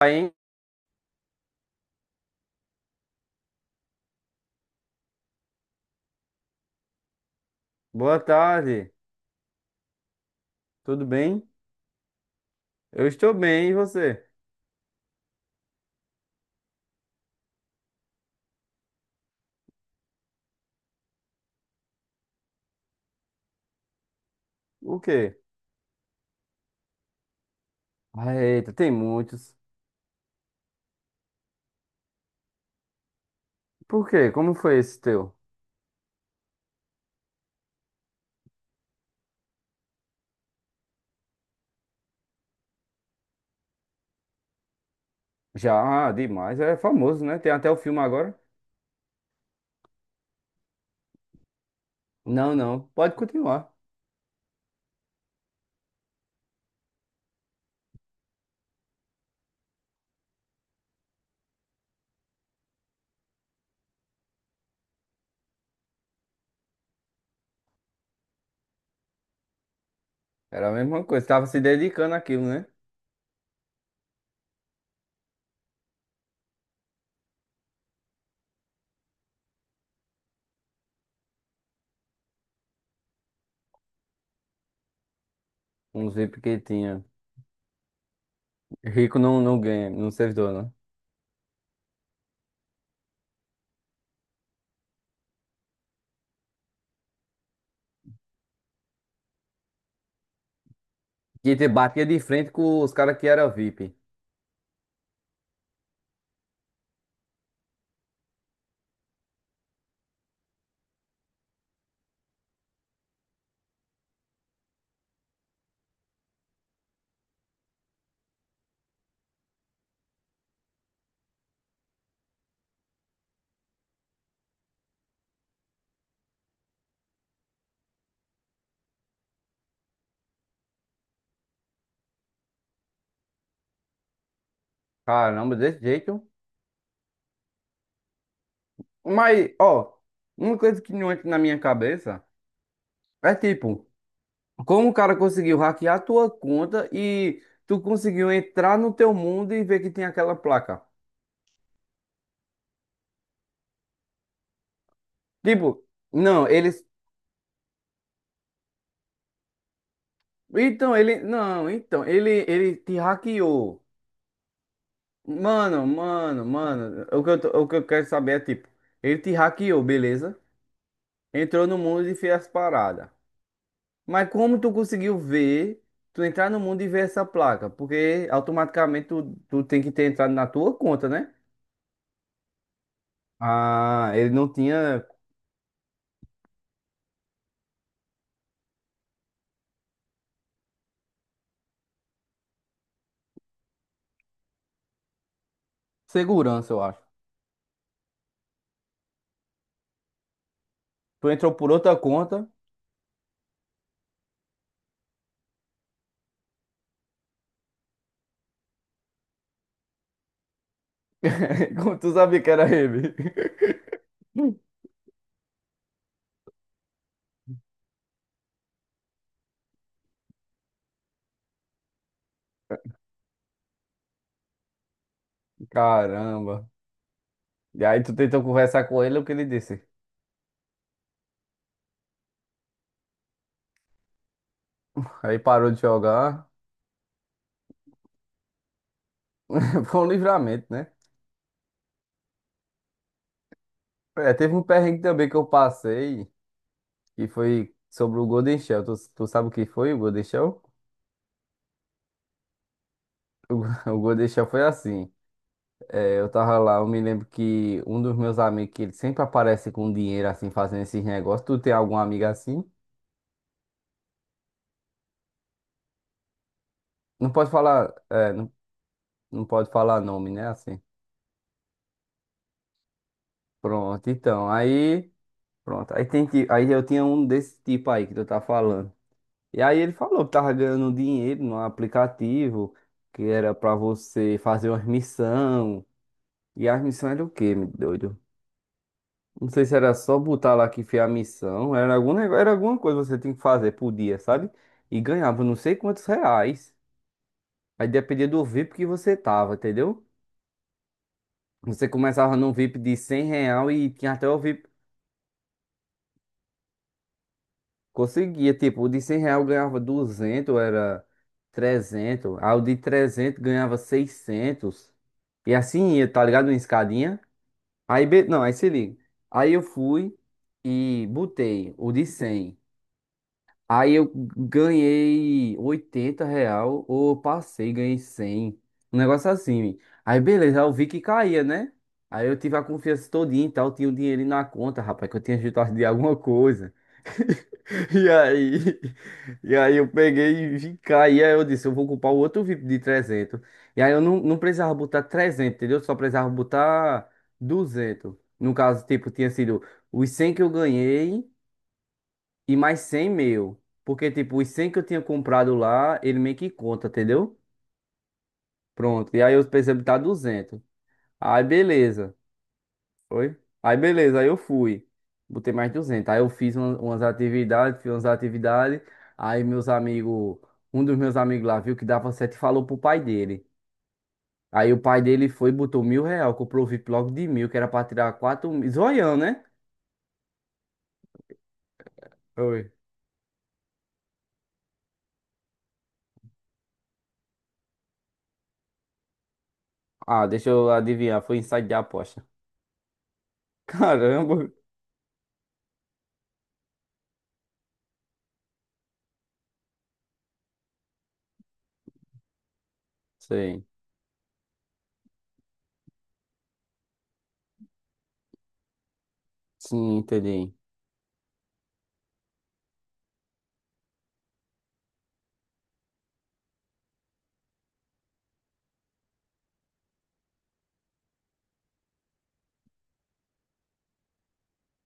Aí, hein? Boa tarde, tudo bem? Eu estou bem, e você? O quê? Ah, eita, tem muitos. Por quê? Como foi esse teu? Já, demais, é famoso, né? Tem até o filme agora. Não, não, pode continuar. Era a mesma coisa, estava se dedicando àquilo, né? Um VIP que tinha. Rico não, não ganha, não servidor, não. Que te batia de frente com os caras que era VIP. Caramba, desse jeito. Mas, ó, uma coisa que não entra na minha cabeça é tipo. Como o cara conseguiu hackear a tua conta e tu conseguiu entrar no teu mundo e ver que tem aquela placa? Tipo, não, eles. Então, ele. Não, então, ele te hackeou. Mano, mano, mano. O que eu quero saber é, tipo, ele te hackeou, beleza? Entrou no mundo e fez as paradas. Mas como tu conseguiu ver, tu entrar no mundo e ver essa placa? Porque automaticamente tu tem que ter entrado na tua conta, né? Ah, ele não tinha segurança, eu acho. Tu entrou por outra conta, como tu sabia que era ele. Caramba. E aí tu tentou conversar com ele, o que ele disse? Aí parou de jogar. Foi um livramento, né? É, teve um perrengue também que eu passei, que foi sobre o Golden Shell. Tu sabe o que foi o Golden Shell? O, o Golden Shell foi assim. É, eu tava lá, eu me lembro que um dos meus amigos, que ele sempre aparece com dinheiro assim, fazendo esses negócios. Tu tem algum amigo assim? Não pode falar, é, não, não pode falar nome, né? Assim. Pronto, então, aí, pronto, aí tem que, aí eu tinha um desse tipo aí que tu tá falando. E aí ele falou que tava ganhando dinheiro no aplicativo, que era pra você fazer uma missão. E as missões era o quê, meu doido? Não sei se era só botar lá que fez a missão, era algum negócio, era alguma coisa que você tinha que fazer por dia, sabe? E ganhava não sei quantos reais. Aí dependia do VIP que você tava, entendeu? Você começava num VIP de 100 real e tinha até o VIP. Conseguia, tipo, o de 100 real ganhava 200, era 300. Aí o de 300 ganhava 600. E assim ia, tá ligado? Uma escadinha. Aí, não, aí se liga. Aí eu fui e botei o de 100. Aí eu ganhei 80 real, ou passei, ganhei 100. Um negócio assim. Aí beleza, eu vi que caía, né? Aí eu tive a confiança todinha e tal, tinha o dinheiro na conta, rapaz, que eu tinha juntado de alguma coisa. E aí, e aí eu peguei e vim cá, e aí eu disse, eu vou ocupar o outro VIP de 300. E aí eu não precisava botar 300, entendeu? Só precisava botar 200. No caso, tipo, tinha sido os 100 que eu ganhei e mais 100 meu. Porque, tipo, os 100 que eu tinha comprado lá, ele meio que conta, entendeu? Pronto, e aí eu precisava botar 200. Aí, beleza. Foi? Aí beleza, aí eu fui. Botei mais 200. Aí eu fiz umas atividades, fiz umas atividades. Aí meus amigos, um dos meus amigos lá viu que dava certo e falou pro pai dele. Aí o pai dele foi e botou 1.000 real, comprou o VIP logo de 1.000, que era pra tirar 4.000. Zoião, né? Oi. Ah, deixa eu adivinhar, foi insight de aposta. Caramba! Sei. Sim, entendi.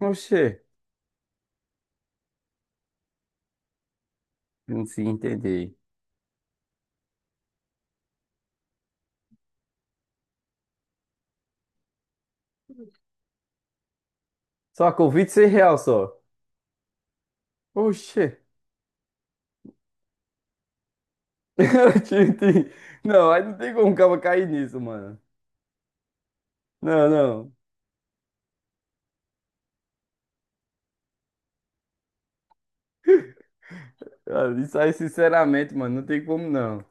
Oxê. Sim, entendi. Só com 26 real só. Oxê. Ti- ti- Não, aí não tem como o cara cair nisso, mano. Não, não. Cara, isso aí, sinceramente, mano, não tem como não.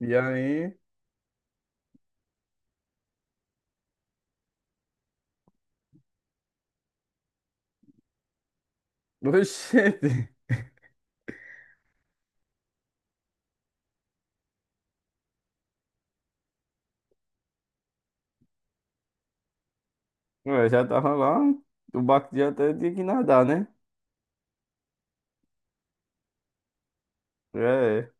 E aí, oxente, eu já tava lá, o barco já até tinha que nadar, né? É.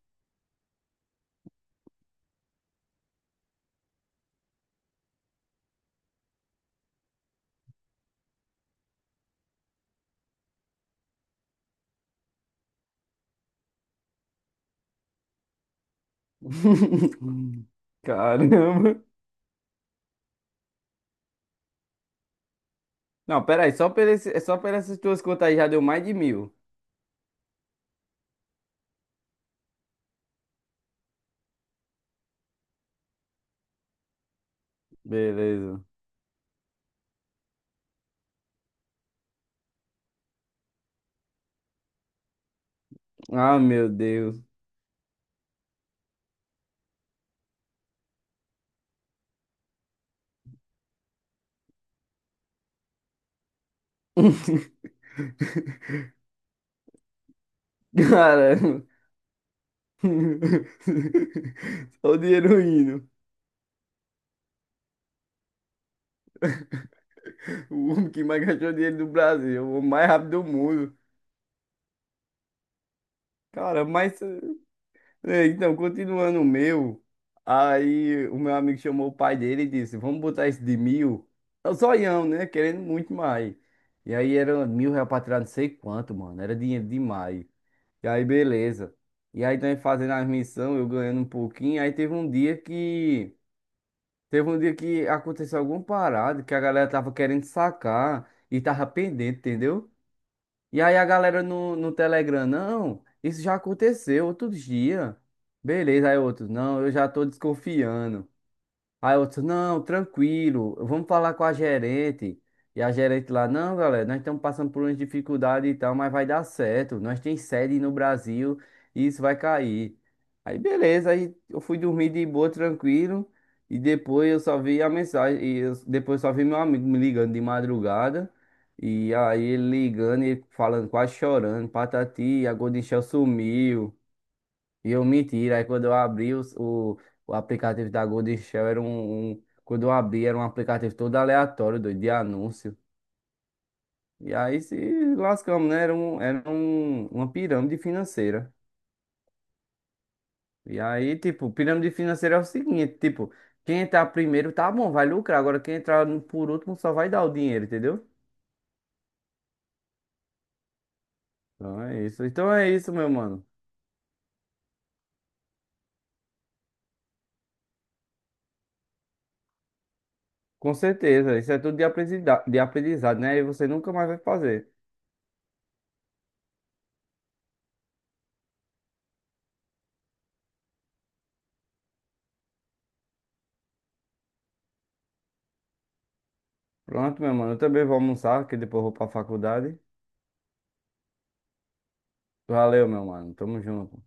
Caramba. Não, pera aí, só por essas tuas contas aí já deu mais de 1.000. Beleza. Ah, meu Deus. Caramba. Só o dinheiro indo. O homem que mais gastou dinheiro do Brasil, o mais rápido do mundo. Cara, então, continuando o meu. Aí o meu amigo chamou o pai dele e disse: Vamos botar esse de 1.000. É o zoião, né? Querendo muito mais. E aí era 1.000 reais pra tirar não sei quanto, mano. Era dinheiro demais. E aí, beleza. E aí, nós fazendo as missões, eu ganhando um pouquinho. Aí teve um dia que. Teve um dia que aconteceu alguma parada que a galera tava querendo sacar e tava pendente, entendeu? E aí a galera no Telegram, não, isso já aconteceu outro dia. Beleza, aí outros, não, eu já tô desconfiando. Aí outro, não, tranquilo, vamos falar com a gerente. E a gerente lá, não, galera, nós estamos passando por umas dificuldades e tal, mas vai dar certo. Nós tem sede no Brasil e isso vai cair. Aí beleza, aí eu fui dormir de boa, tranquilo. E depois eu só vi a mensagem, depois eu só vi meu amigo me ligando de madrugada. E aí ele ligando e falando, quase chorando, Patati, a Golden Shell sumiu. E eu menti, aí quando eu abri o aplicativo da Gold Shell. Quando eu abri, era um aplicativo todo aleatório, doido, de anúncio. E aí se lascamos, né? Era uma pirâmide financeira. E aí, tipo, pirâmide financeira é o seguinte, tipo, quem entrar primeiro tá bom, vai lucrar. Agora quem entrar por último só vai dar o dinheiro, entendeu? Então é isso. Então é isso, meu mano. Com certeza, isso é tudo de aprendizado, né? E você nunca mais vai fazer. Pronto, meu mano. Eu também vou almoçar, que depois eu vou pra faculdade. Valeu, meu mano. Tamo junto.